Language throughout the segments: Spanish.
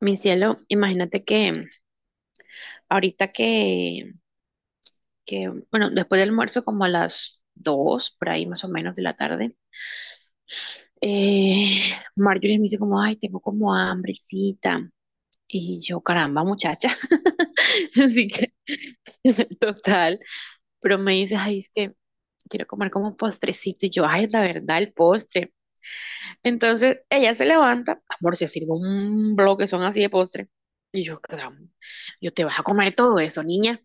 Mi cielo, imagínate que ahorita bueno, después del almuerzo, como a las 2, por ahí más o menos de la tarde, eh, Marjorie me dice como, ay, tengo como hambrecita. Y yo, caramba, muchacha. Así que, total. Pero me dice, ay, es que quiero comer como postrecito. Y yo, ay, la verdad, el postre. Entonces, ella se levanta, amor, se sirve un bloque, son así de postre. Y yo, caramba, yo te vas a comer todo eso, niña.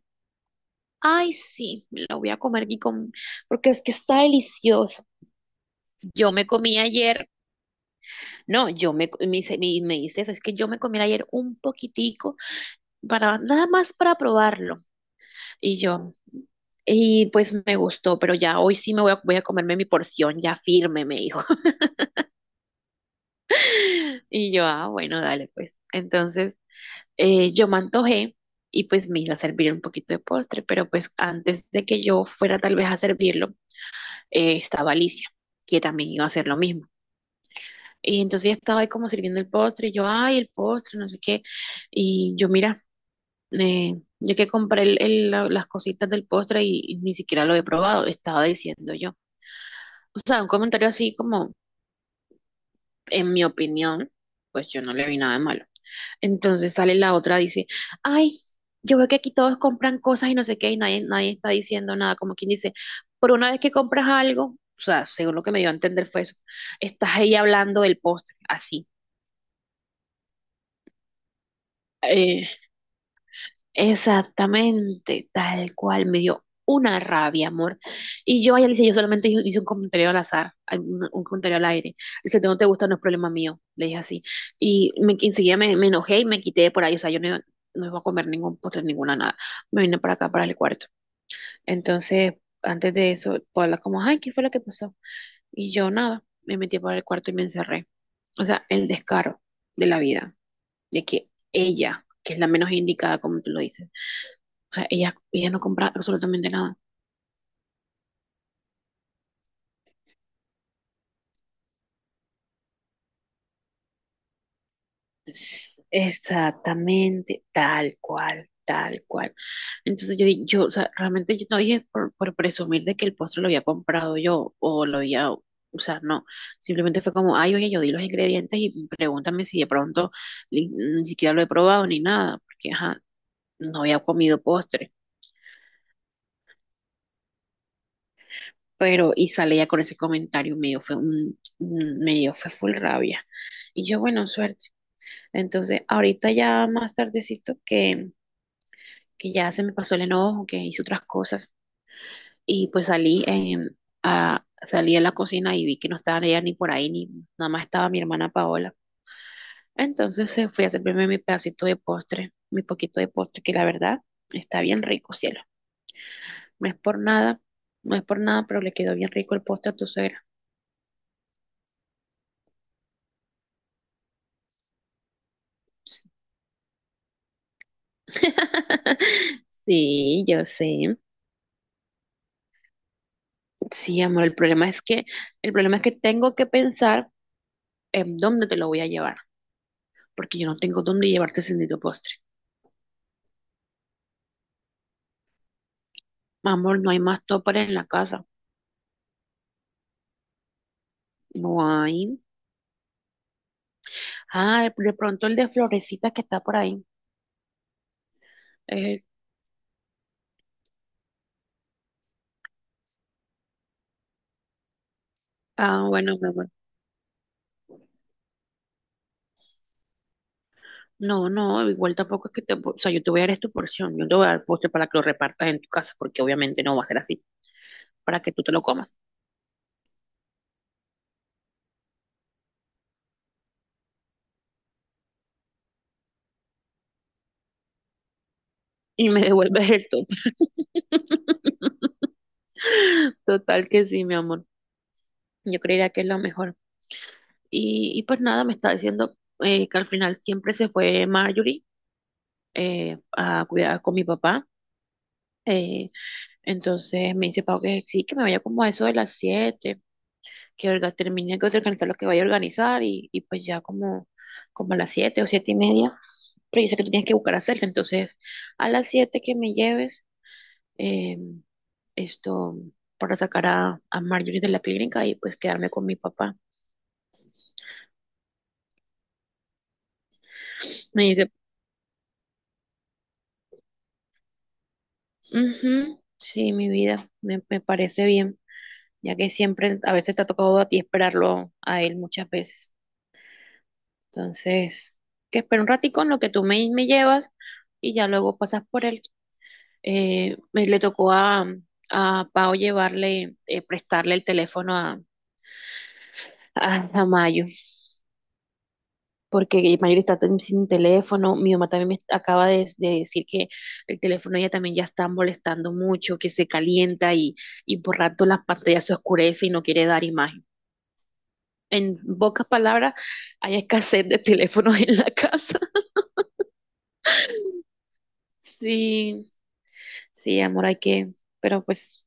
Ay, sí, me lo voy a comer y con... porque es que está delicioso. Yo me comí ayer, no, yo me, co- me, hice- me hice eso, es que yo me comí ayer un poquitico para nada más para probarlo. Y yo, y pues me gustó, pero ya hoy sí me voy a, voy a comerme mi porción ya firme, me dijo. Y yo, ah, bueno, dale, pues. Entonces, yo me antojé y pues me iba a servir un poquito de postre, pero pues antes de que yo fuera tal vez a servirlo, estaba Alicia, que también iba a hacer lo mismo. Y entonces ella estaba ahí como sirviendo el postre, y yo, ay, el postre, no sé qué. Y yo, mira, yo que compré las cositas del postre y ni siquiera lo he probado, estaba diciendo yo. O sea, un comentario así como, en mi opinión, pues yo no le vi nada de malo. Entonces sale la otra, dice, ay, yo veo que aquí todos compran cosas y no sé qué, y nadie, nadie está diciendo nada, como quien dice, por una vez que compras algo, o sea, según lo que me dio a entender fue eso, estás ahí hablando del postre, así. Eh, Exactamente, tal cual, me dio una rabia, amor. Y yo a ella le hice, yo solamente hice un comentario al azar, un comentario al aire. Dice, no te gusta, no es problema mío, le dije así. Y me, enseguida me enojé y me quité de por ahí, o sea, yo no, iba- no iba a comer ningún postre, ninguna nada. Me vine para acá, para el cuarto. Entonces, antes de eso, Paula como, ay, ¿qué fue lo que pasó? Y yo nada, me metí para el cuarto y me encerré. O sea, el descaro de la vida, de que ella, que es la menos indicada, como tú lo dices, o sea, ella no compra absolutamente nada. Exactamente, tal cual, tal cual. Entonces yo, yo, o sea, realmente yo no dije por presumir de que el postre lo había comprado yo o lo había, o sea, no. Simplemente fue como, ay, oye, yo di los ingredientes y pregúntame si de pronto ni siquiera lo he probado ni nada, porque, ajá, no había comido postre. Pero, y salía con ese comentario medio, fue medio, fue full rabia. Y yo, bueno, suerte. Entonces, ahorita ya más tardecito que ya se me pasó el enojo, que hice otras cosas y pues a, salí a la cocina y vi que no estaba ella ni por ahí, ni nada más estaba mi hermana Paola. Entonces fui a servirme mi pedacito de postre, mi poquito de postre, que la verdad está bien rico, cielo. No es por nada, no es por nada, pero le quedó bien rico el postre a tu suegra. Ps. Sí, yo sé. Sí, amor, el problema es que, el problema es que tengo que pensar ¿dónde te lo voy a llevar? Porque yo no tengo dónde llevarte ese bendito postre. Amor, no hay más toppers en la casa. No hay. Ah, de pronto el de florecitas que está por ahí. Eh, ah, bueno, mi amor. No, no, igual tampoco es que te... O sea, yo te voy a dar es tu porción. Yo te voy a dar postre para que lo repartas en tu casa, porque obviamente no va a ser así, para que tú te lo comas. Y me devuelves el topper. Total que sí, mi amor. Yo creería que es lo mejor. Y pues nada, me está diciendo que al final siempre se fue Marjorie a cuidar con mi papá. Eh, entonces me dice Pau que sí, que me vaya como a eso de las 7 que termine de organizar lo que vaya a organizar y pues ya como, como a las 7 o 7:30. Pero yo sé que tú tienes que buscar a Sergio, entonces a las 7 que me lleves eh, esto para sacar a Marjorie de la clínica y pues quedarme con mi papá. Me dice, "Ujú, sí, mi vida, me parece bien, ya que siempre a veces te ha tocado a ti esperarlo a él muchas veces. Entonces, que espera un ratico en lo que tú me, me llevas y ya luego pasas por él. Le tocó a Pau llevarle, prestarle el teléfono a Mayo, porque Mayo está tan- sin teléfono. Mi mamá también me acaba de decir que el teléfono ella también ya está molestando mucho, que se calienta y por rato las pantallas se oscurece y no quiere dar imagen. En pocas palabras, hay escasez de teléfonos en la casa. Sí, sí, amor, hay que, pero pues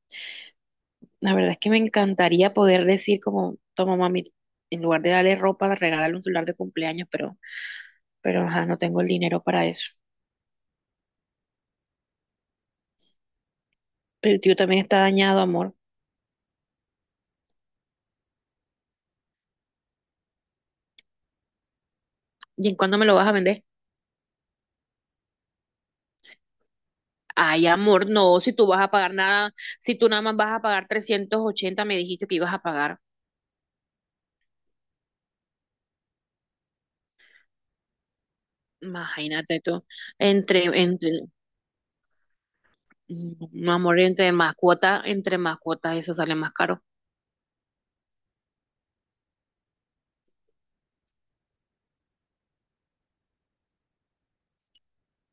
la verdad es que me encantaría poder decir como, toma mami, en lugar de darle ropa, regalarle un celular de cumpleaños, pero ajá, no tengo el dinero para eso. Pero el tío también está dañado, amor. ¿Y en cuándo me lo vas a vender? Ay, amor, no, si tú vas a pagar nada, si tú nada más vas a pagar 380 me dijiste que ibas a pagar. Imagínate tú, entre, entre, mm, amor, entre más cuota, entre más cuotas eso sale más caro.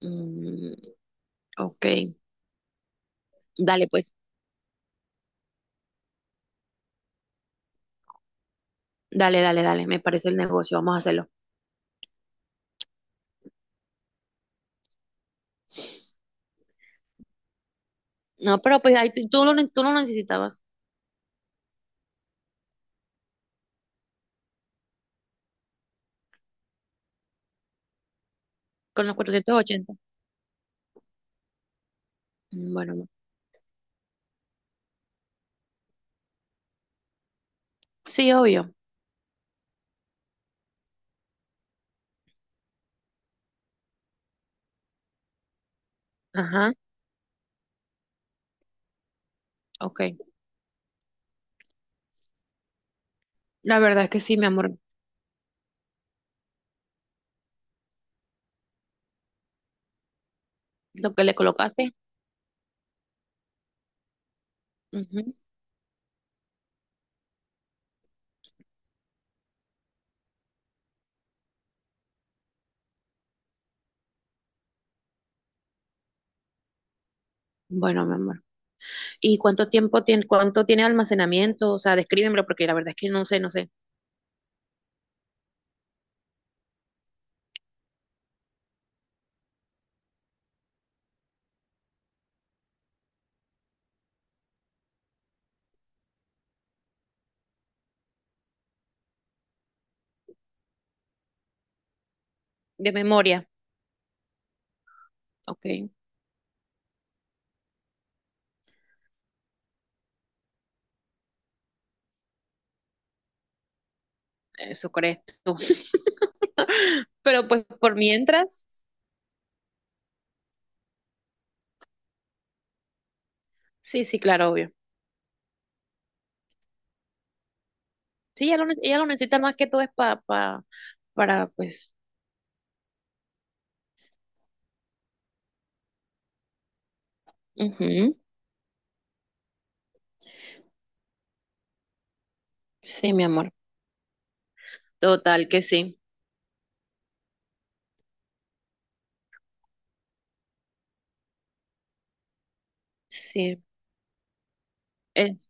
Mm, ok, dale pues. Dale, dale, dale, me parece el negocio, vamos a hacerlo. No, pero pues ahí tú, tú no lo necesitabas con los 480. Mm, bueno, no. Sí, obvio. Ajá, ok. La verdad es que sí, mi amor, lo que le colocaste. Ujú. Bueno, mi amor. ¿Y cuánto tiempo tiene, cuánto tiene almacenamiento? O sea, descríbemelo porque la verdad es que no sé, no sé. De memoria. Ok, eso crees tú. Pero pues por mientras, sí, sí, claro, obvio. Sí, ella lo necesita más que todo es para, pues, ujú. Sí, mi amor. Total que sí. Sí. Es,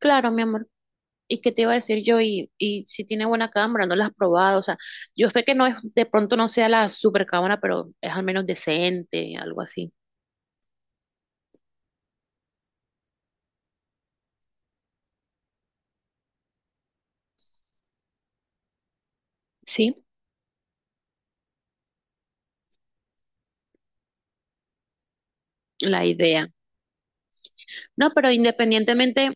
claro, mi amor. ¿Y qué te iba a decir yo? Y si tiene buena cámara, no la has probado. O sea, yo sé que no es, de pronto no sea la super cámara, pero es al menos decente, algo así. Sí, la idea. No, pero independientemente.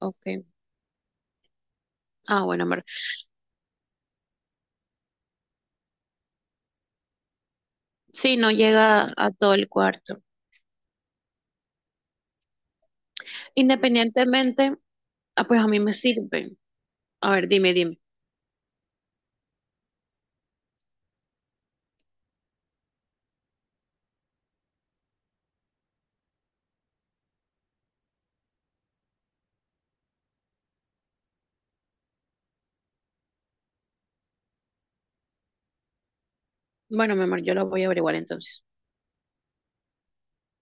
Ok. Ah, bueno, amor. Sí, no llega a todo el cuarto. Independientemente, ah, pues a mí me sirve. A ver, dime, dime. Bueno, mi amor, yo lo voy a averiguar entonces.